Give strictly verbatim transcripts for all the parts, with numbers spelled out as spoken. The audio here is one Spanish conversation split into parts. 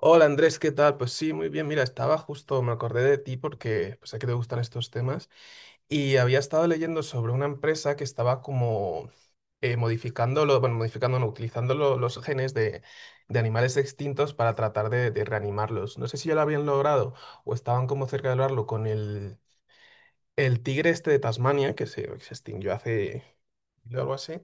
Hola Andrés, ¿qué tal? Pues sí, muy bien. Mira, estaba justo, me acordé de ti porque pues, sé que te gustan estos temas y había estado leyendo sobre una empresa que estaba como eh, modificando, lo- bueno, modificando, no, utilizando lo- los genes de, de animales extintos para tratar de, de reanimarlos. No sé si ya lo habían logrado o estaban como cerca de lograrlo con el, el tigre este de Tasmania que se, que se extinguió hace algo así.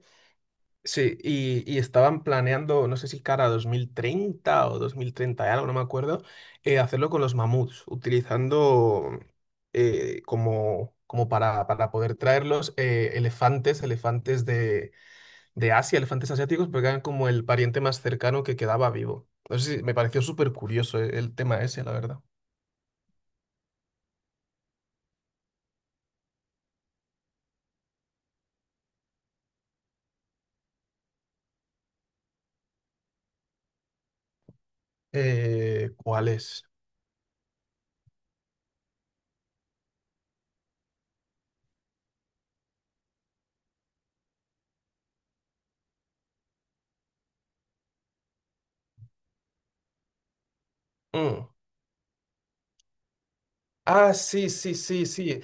Sí, y, y estaban planeando, no sé si cara a dos mil treinta o dos mil treinta y algo, no me acuerdo, eh, hacerlo con los mamuts, utilizando eh, como, como para, para poder traerlos, eh, elefantes, elefantes de, de Asia, elefantes asiáticos, porque eran como el pariente más cercano que quedaba vivo. No sé si- Me pareció súper curioso, eh, el tema ese, la verdad. Eh, ¿cuál es? Mm. Ah, sí, sí, sí, sí.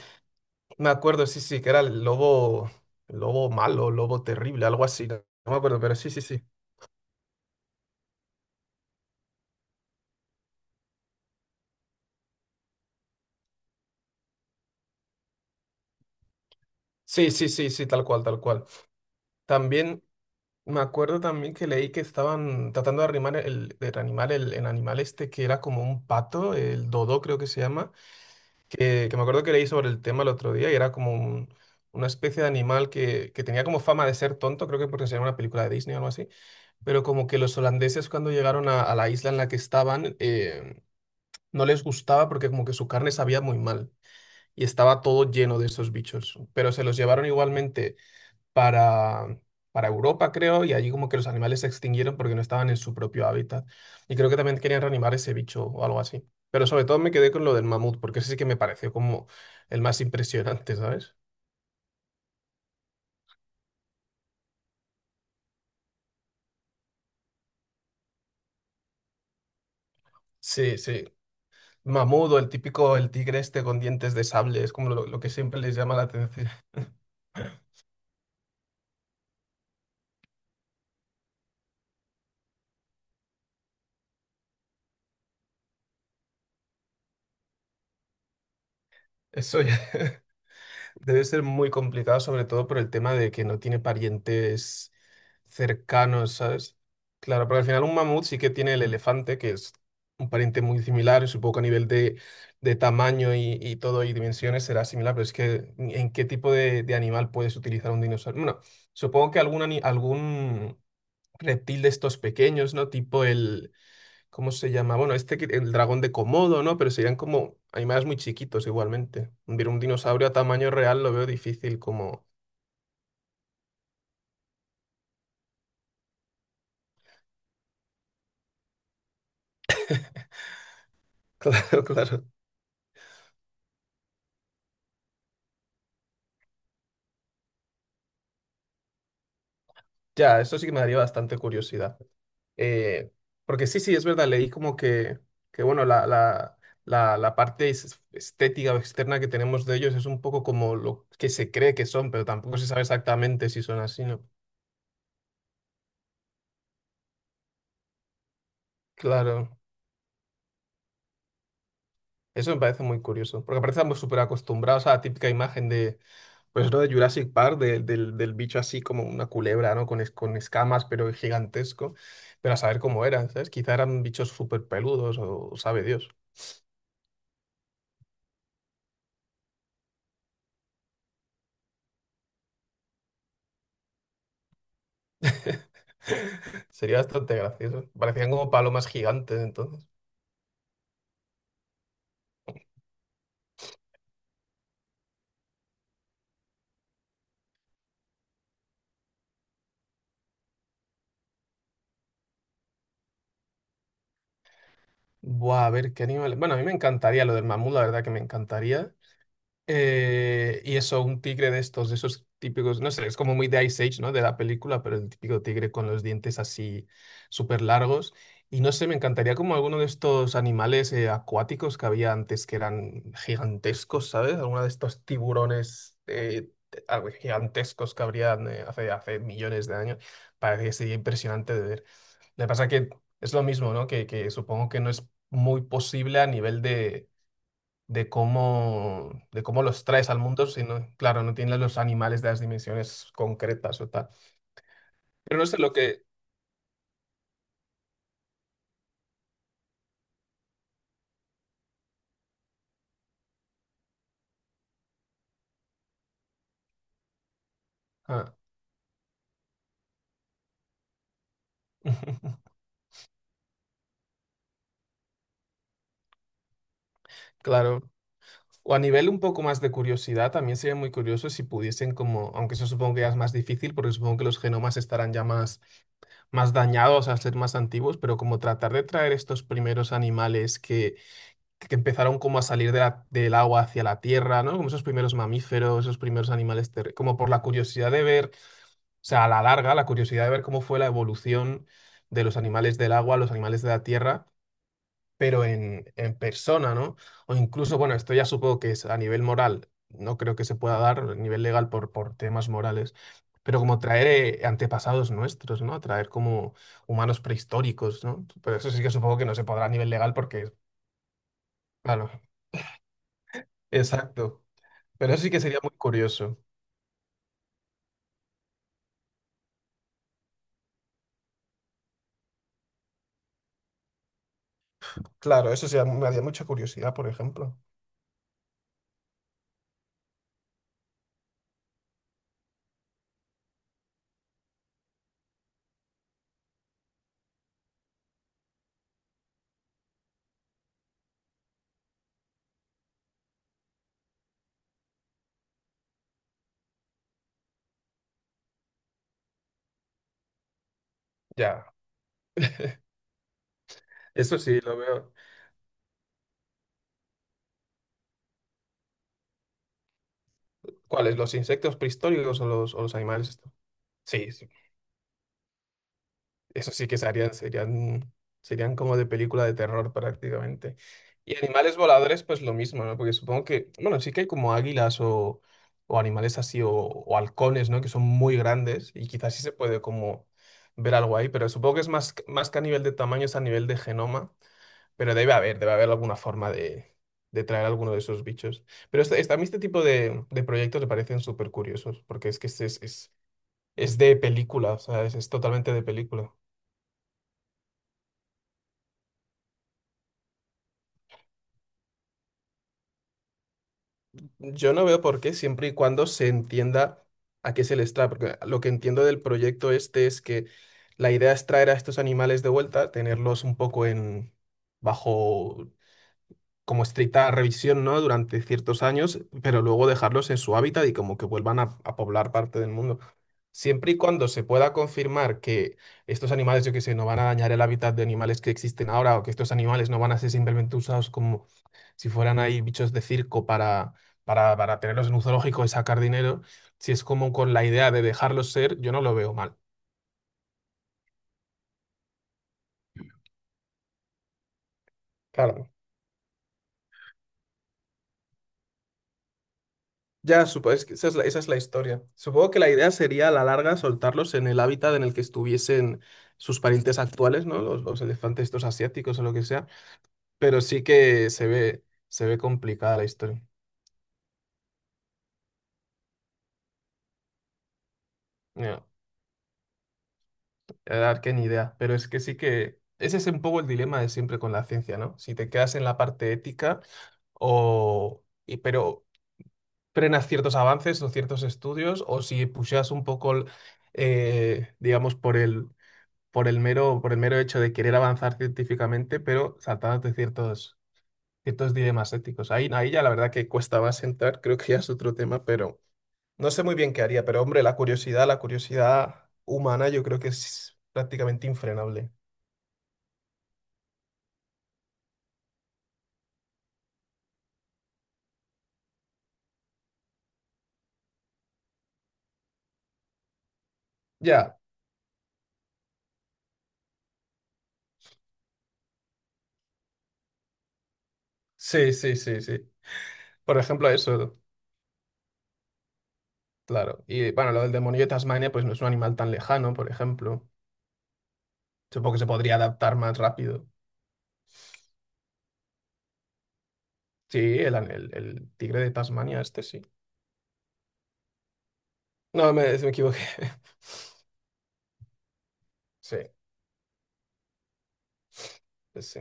Me acuerdo, sí, sí, que era el lobo, el lobo malo, lobo terrible, algo así. No no me acuerdo, pero sí, sí, sí. Sí, sí, sí, sí, tal cual, tal cual. También me acuerdo también que leí que estaban tratando de arrimar el, de reanimar el, el animal este que era como un pato, el dodo creo que se llama, que, que me acuerdo que leí sobre el tema el otro día y era como un- una especie de animal que, que tenía como fama de ser tonto, creo que porque sería una película de Disney o algo así, pero como que los holandeses cuando llegaron a, a la isla en la que estaban, eh, no les gustaba porque como que su carne sabía muy mal y estaba todo lleno de esos bichos. Pero se los llevaron igualmente para, para Europa, creo, y allí como que los animales se extinguieron porque no estaban en su propio hábitat. Y creo que también querían reanimar ese bicho o algo así. Pero sobre todo me quedé con lo del mamut, porque ese sí que me pareció como el más impresionante, ¿sabes? Sí, sí. Mamut o el típico, el tigre este con dientes de sable, es como lo, lo que siempre les llama la atención. Eso ya. Debe ser muy complicado, sobre todo por el tema de que no tiene parientes cercanos, ¿sabes? Claro, pero al final un mamut sí que tiene el elefante, que es un pariente muy similar, supongo que a nivel de, de tamaño y, y todo y dimensiones será similar, pero es que ¿en qué tipo de, de animal puedes utilizar un dinosaurio? Bueno, supongo que algún, ani- algún reptil de estos pequeños, ¿no? Tipo el, ¿cómo se llama? Bueno, este, que- el dragón de Komodo, ¿no? Pero serían como animales muy chiquitos igualmente. Ver un dinosaurio a tamaño real lo veo difícil como... Claro, claro. Ya, eso sí que me daría bastante curiosidad. Eh, porque sí, sí, es verdad, leí como que, que bueno, la, la, la, la parte es- estética o externa que tenemos de ellos es un poco como lo que se cree que son, pero tampoco se sabe exactamente si son así, ¿no? Claro, eso me parece muy curioso, porque aparte estamos súper acostumbrados a la típica imagen de pues lo de Jurassic Park, de- del, del bicho así como una culebra, ¿no? Con, es- con escamas, pero gigantesco. Pero a saber cómo eran, ¿sabes? Quizá eran bichos súper peludos o sabe Dios. Sería bastante gracioso. Parecían como palomas gigantes entonces. Buah, a ver qué animal. Bueno, a mí me encantaría lo del mamut, la verdad que me encantaría. Eh, y eso, un tigre de estos, de esos típicos, no sé, es como muy de Ice Age, ¿no? De la película, pero el típico tigre con los dientes así súper largos. Y no sé, me encantaría como alguno de estos animales, eh, acuáticos que había antes que eran gigantescos, ¿sabes? Alguno de estos tiburones, eh, te- algo gigantescos que habrían, eh, hace, hace millones de años. Parece que sería impresionante de ver. Lo que pasa que es lo mismo, ¿no? Que, que supongo que no es muy posible a nivel de de cómo, de cómo los traes al mundo, si no claro, no tienes los animales de las dimensiones concretas o tal. Pero no sé lo que... ah, claro. O a nivel un poco más de curiosidad, también sería muy curioso si pudiesen como, aunque eso supongo que ya es más difícil, porque supongo que los genomas estarán ya más, más dañados al ser más antiguos, pero como tratar de traer estos primeros animales que, que empezaron como a salir de la- del agua hacia la tierra, ¿no? Como esos primeros mamíferos, esos primeros animales terrestres, como por la curiosidad de ver. O sea, a la larga, la curiosidad de ver cómo fue la evolución de los animales del agua, los animales de la tierra, pero en, en persona, ¿no? O incluso, bueno, esto ya supongo que es a nivel moral, no creo que se pueda dar a nivel legal por, por temas morales, pero como traer eh, antepasados nuestros, ¿no? Traer como humanos prehistóricos, ¿no? Pero eso sí que supongo que no se podrá a nivel legal porque, claro, exacto. Pero eso sí que sería muy curioso. Claro, eso sí me haría mucha curiosidad, por ejemplo. Ya, eso sí, lo veo. ¿Cuáles? ¿Los insectos prehistóricos o los, o los animales estos? Sí, sí, eso sí que serían, serían, serían como de película de terror prácticamente. Y animales voladores, pues lo mismo, ¿no? Porque supongo que, bueno, sí que hay como águilas o, o animales así, o, o halcones, ¿no? Que son muy grandes y quizás sí se puede como ver algo ahí, pero supongo que es más, que- más que a nivel de tamaño, es a nivel de genoma, pero debe haber, debe haber alguna forma de, de traer alguno de esos bichos. Pero este- este- a mí este tipo de, de proyectos me parecen súper curiosos, porque es que es, es, es- es de película, o sea, es, es totalmente de película. Yo no veo por qué, siempre y cuando se entienda a qué se les trae, porque lo que entiendo del proyecto este es que la idea es traer a estos animales de vuelta, tenerlos un poco en bajo como estricta revisión, ¿no? Durante ciertos años, pero luego dejarlos en su hábitat y como que vuelvan a, a poblar parte del mundo. Siempre y cuando se pueda confirmar que estos animales, yo qué sé, no van a dañar el hábitat de animales que existen ahora o que estos animales no van a ser simplemente usados como si fueran ahí bichos de circo para, para, para tenerlos en un zoológico y sacar dinero, si es como con la idea de dejarlos ser, yo no lo veo mal. Claro, ya, supongo, es que esa es la, esa es la historia. Supongo que la idea sería a la larga soltarlos en el hábitat en el que estuviesen sus parientes actuales, ¿no? Los, los elefantes estos asiáticos o lo que sea. Pero sí que se ve, se ve complicada la historia. Ya, la verdad que ni idea. Pero es que sí que... Ese es un poco el dilema de siempre con la ciencia, ¿no? Si te quedas en la parte ética o... y- pero frenas ciertos avances o ciertos estudios o si pusheas un poco, el- eh, digamos, por el por el mero, por el mero hecho de querer avanzar científicamente, pero saltándote ciertos, ciertos dilemas éticos. Ahí, ahí ya la verdad que cuesta más entrar, creo que ya es otro tema, pero no sé muy bien qué haría, pero hombre, la curiosidad, la curiosidad humana yo creo que es prácticamente infrenable. Ya, sí, sí, sí, sí. Por ejemplo, eso, claro. Y bueno, lo del demonio de Tasmania, pues no es un animal tan lejano, por ejemplo. Supongo que se podría adaptar más rápido. Sí, el, an- el, el tigre de Tasmania, este sí. No, me, me equivoqué. Sí, pues sí.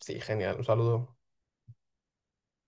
Sí, genial, un saludo.